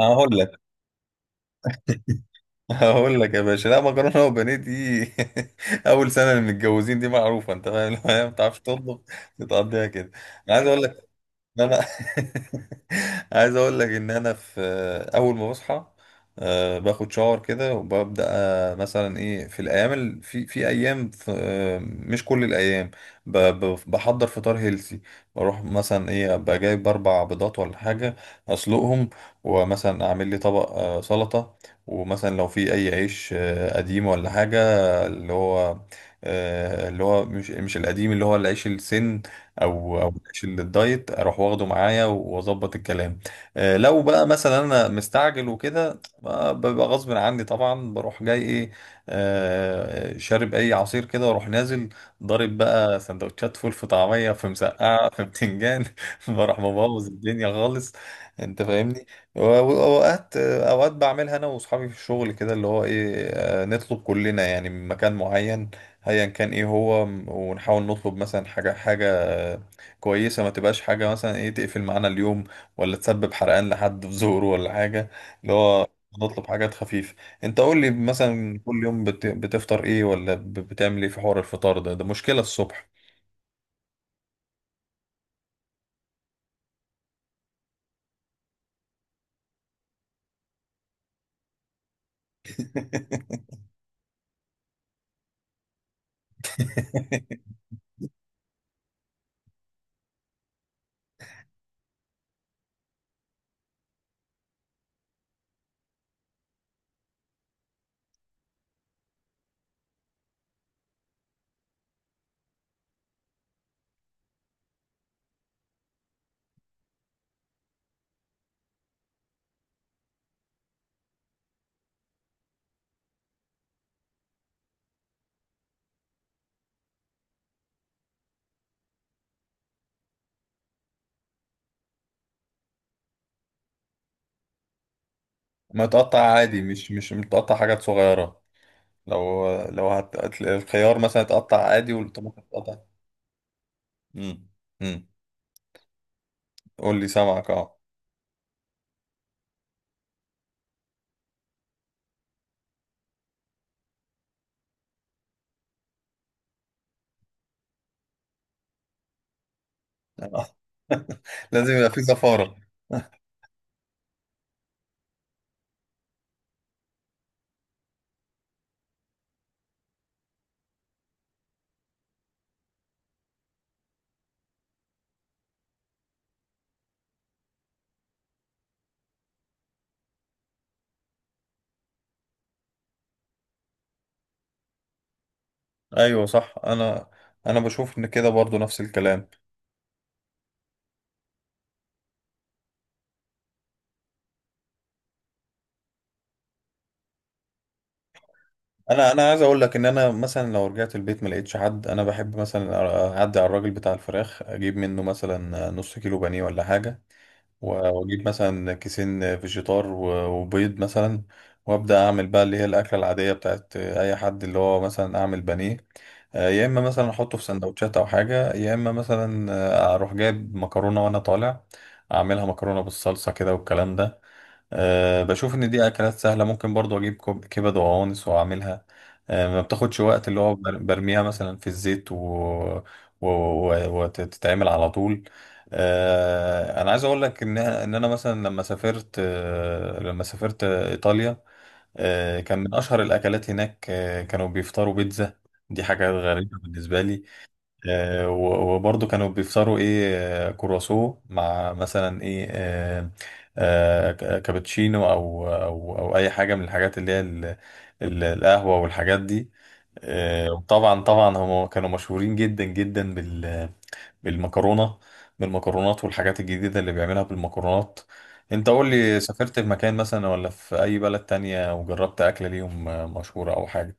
هقول لك هقول لك. يا باشا، لا، مكرونه وبانيه دي؟ اول سنه اللي متجوزين دي معروفه، انت فاهم. لو هي ما بتعرفش تطبخ بتقضيها كده. انا عايز اقول لك إن انا عايز اقول لك ان انا في اول ما بصحى باخد شاور كده وببدا، مثلا ايه، في الايام في ايام، في مش كل الايام بحضر فطار هيلسي. بروح مثلا ايه، ابقى جايب 4 بيضات ولا حاجه، اسلقهم، ومثلا اعمل لي طبق سلطه، ومثلا لو في اي عيش قديم ولا حاجه، اللي هو، اللي هو مش القديم، اللي هو العيش السن، او او ماشي للدايت، اروح واخده معايا واظبط الكلام. لو بقى مثلا انا مستعجل وكده، ببقى غصب عني طبعا، بروح جاي ايه، شارب اي عصير كده واروح نازل ضارب بقى سندوتشات فول، في طعميه، في مسقعه، في بتنجان. بروح مبوظ الدنيا خالص، انت فاهمني. واوقات اوقات بعملها انا واصحابي في الشغل كده، اللي هو ايه، نطلب كلنا يعني من مكان معين، ايا كان ايه هو، ونحاول نطلب مثلا حاجه حاجه، كويسة، ما تبقاش حاجة مثلا ايه تقفل معانا اليوم ولا تسبب حرقان لحد في ظهره ولا حاجة، اللي هو نطلب حاجات خفيفة. انت قول لي مثلا كل يوم بتفطر ايه؟ ولا بتعمل ايه في حوار الفطار ده مشكلة الصبح. ما تقطع عادي، مش متقطع، حاجات صغيرة. لو الخيار مثلا اتقطع عادي والطماطم اتقطع. امم امم قول لي، سامعك. اه. لازم يبقى في زفارة. ايوه، صح. انا بشوف ان كده برضو نفس الكلام. انا عايز اقول لك ان انا مثلا لو رجعت البيت ما لقيتش حد، انا بحب مثلا اعدي على الراجل بتاع الفراخ، اجيب منه مثلا نص كيلو بانيه ولا حاجه، واجيب مثلا كيسين فيجيتار وبيض مثلا، وابدا اعمل بقى اللي هي الاكله العاديه بتاعت اي حد، اللي هو مثلا اعمل بانيه، يا اما مثلا احطه في سندوتشات او حاجه، يا اما مثلا اروح جايب مكرونه وانا طالع، اعملها مكرونه بالصلصه كده والكلام ده. أه، بشوف ان دي اكلات سهله. ممكن برضو اجيب كبد وقوانص واعملها. أه، ما بتاخدش وقت، اللي هو برميها مثلا في الزيت وتتعمل على طول. أه، انا عايز اقول لك ان انا مثلا، لما سافرت ايطاليا، أه، كان من اشهر الاكلات هناك، أه، كانوا بيفطروا بيتزا. دي حاجه غريبه بالنسبه لي. وبرضه كانوا بيفطروا ايه؟ كرواسو، مع مثلا ايه، كابتشينو، او اي حاجه من الحاجات اللي هي القهوه والحاجات دي. وطبعا طبعا هم كانوا مشهورين جدا جدا بالمكرونه، بالمكرونات والحاجات الجديده اللي بيعملها بالمكرونات. انت قول لي، سافرت في مكان مثلا ولا في اي بلد تانية وجربت اكله ليهم مشهوره او حاجه؟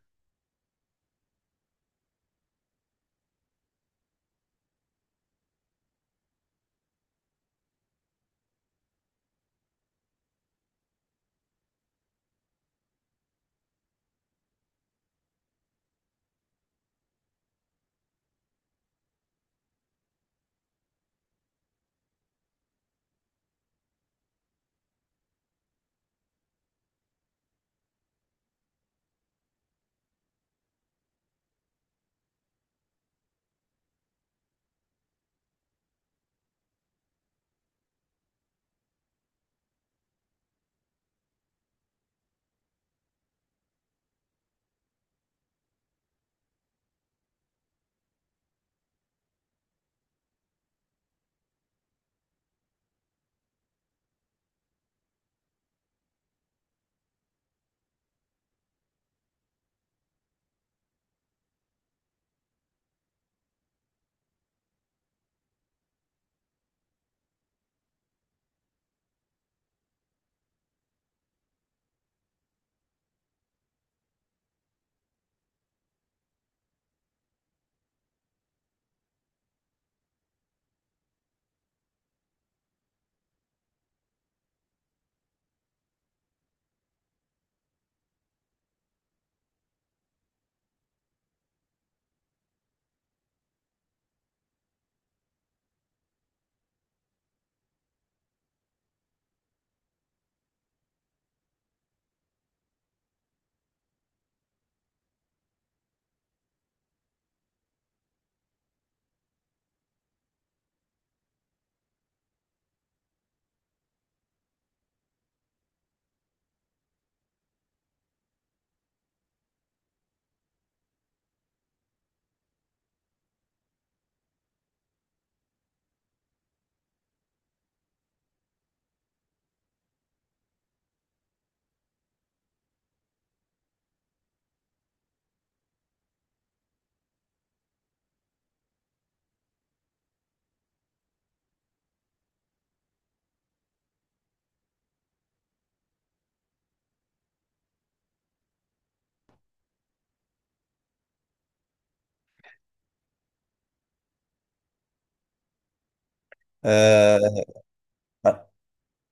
آه،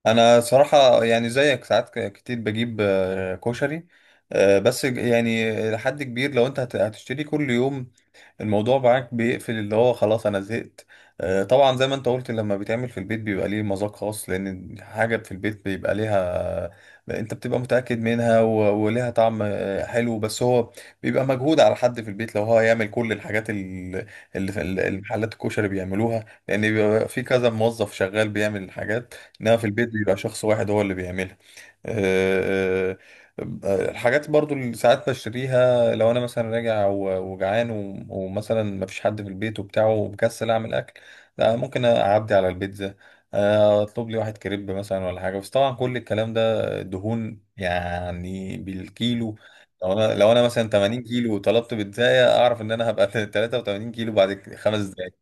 انا صراحة يعني زيك، ساعات كتير بجيب كشري. بس يعني لحد كبير، لو انت هتشتري كل يوم، الموضوع معاك بيقفل، اللي هو خلاص انا زهقت. طبعا زي ما انت قلت، لما بيتعمل في البيت بيبقى ليه مذاق خاص، لان حاجة في البيت بيبقى ليها، انت بتبقى متأكد منها، وليها طعم حلو. بس هو بيبقى مجهود على حد في البيت لو هو هيعمل كل الحاجات اللي في المحلات الكشري بيعملوها، لان بيبقى في كذا موظف شغال بيعمل الحاجات. انما في البيت بيبقى شخص واحد هو اللي بيعملها. آه، الحاجات برضو اللي ساعات بشتريها، لو انا مثلا راجع وجعان، ومثلا مفيش حد في البيت وبتاع، ومكسل اعمل اكل، لا، ممكن اعدي على البيتزا، اطلب لي واحد كريب مثلا ولا حاجه. بس طبعا كل الكلام ده دهون يعني بالكيلو. لو انا مثلا 80 كيلو وطلبت بيتزاية، اعرف ان انا هبقى 83 كيلو بعد 5 دقايق.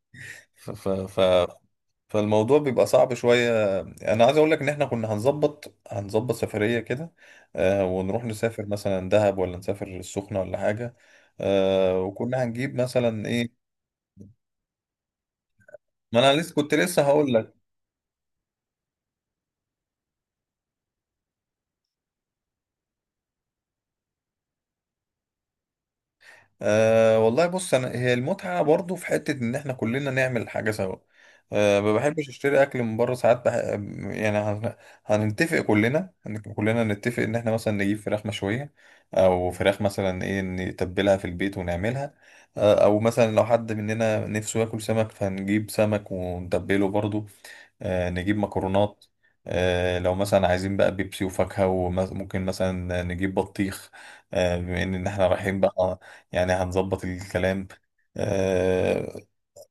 ف ف ف فالموضوع بيبقى صعب شوية. أنا عايز أقول لك إن إحنا كنا هنظبط سفرية كده، ونروح نسافر مثلا دهب، ولا نسافر السخنة ولا حاجة، وكنا هنجيب مثلا إيه. ما أنا لسه، كنت لسه هقول. أه والله بص، انا هي المتعه برضو في حته ان احنا كلنا نعمل حاجه سوا. أه، ما بحبش اشتري اكل من بره ساعات. يعني هنتفق كلنا، كلنا نتفق ان احنا مثلا نجيب فراخ مشويه، او فراخ مثلا ايه نتبلها في البيت ونعملها. أه، او مثلا لو حد مننا نفسه ياكل سمك، فهنجيب سمك ونتبله برضو. نجيب مكرونات. لو مثلا عايزين بقى بيبسي وفاكهة، وممكن مثلا نجيب بطيخ، بما ان احنا رايحين بقى، يعني هنظبط الكلام. اه.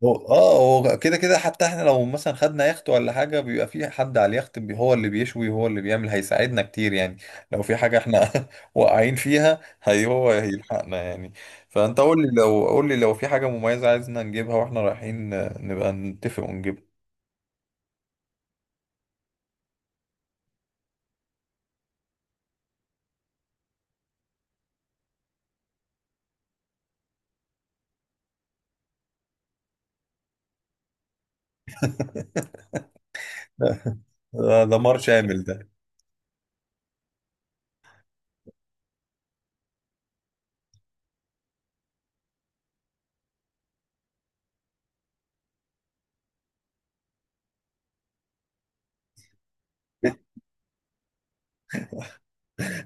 هو كده كده، حتى احنا لو مثلا خدنا يخت ولا حاجة بيبقى في حد على اليخت هو اللي بيشوي، هو اللي بيعمل، هيساعدنا كتير يعني لو في حاجة احنا واقعين فيها، هي هو هيلحقنا يعني. فانت قول لي، لو في حاجة مميزة عايزنا نجيبها واحنا رايحين، نبقى نتفق ونجيبها. ده دمار شامل ده.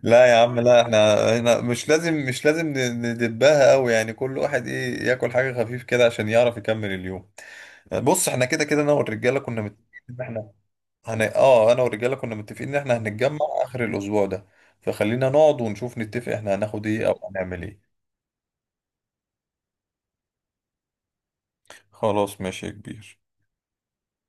لا يا عم، لا، احنا هنا مش لازم، ندبها قوي يعني، كل واحد ايه، ياكل حاجة خفيف كده عشان يعرف يكمل اليوم. بص، احنا كده كده انا والرجالة كنا متفقين ان احنا هن... اه انا والرجالة كنا متفقين ان احنا هنتجمع اخر الاسبوع ده، فخلينا نقعد ونشوف نتفق احنا هناخد ايه او هنعمل ايه. خلاص، ماشي يا كبير.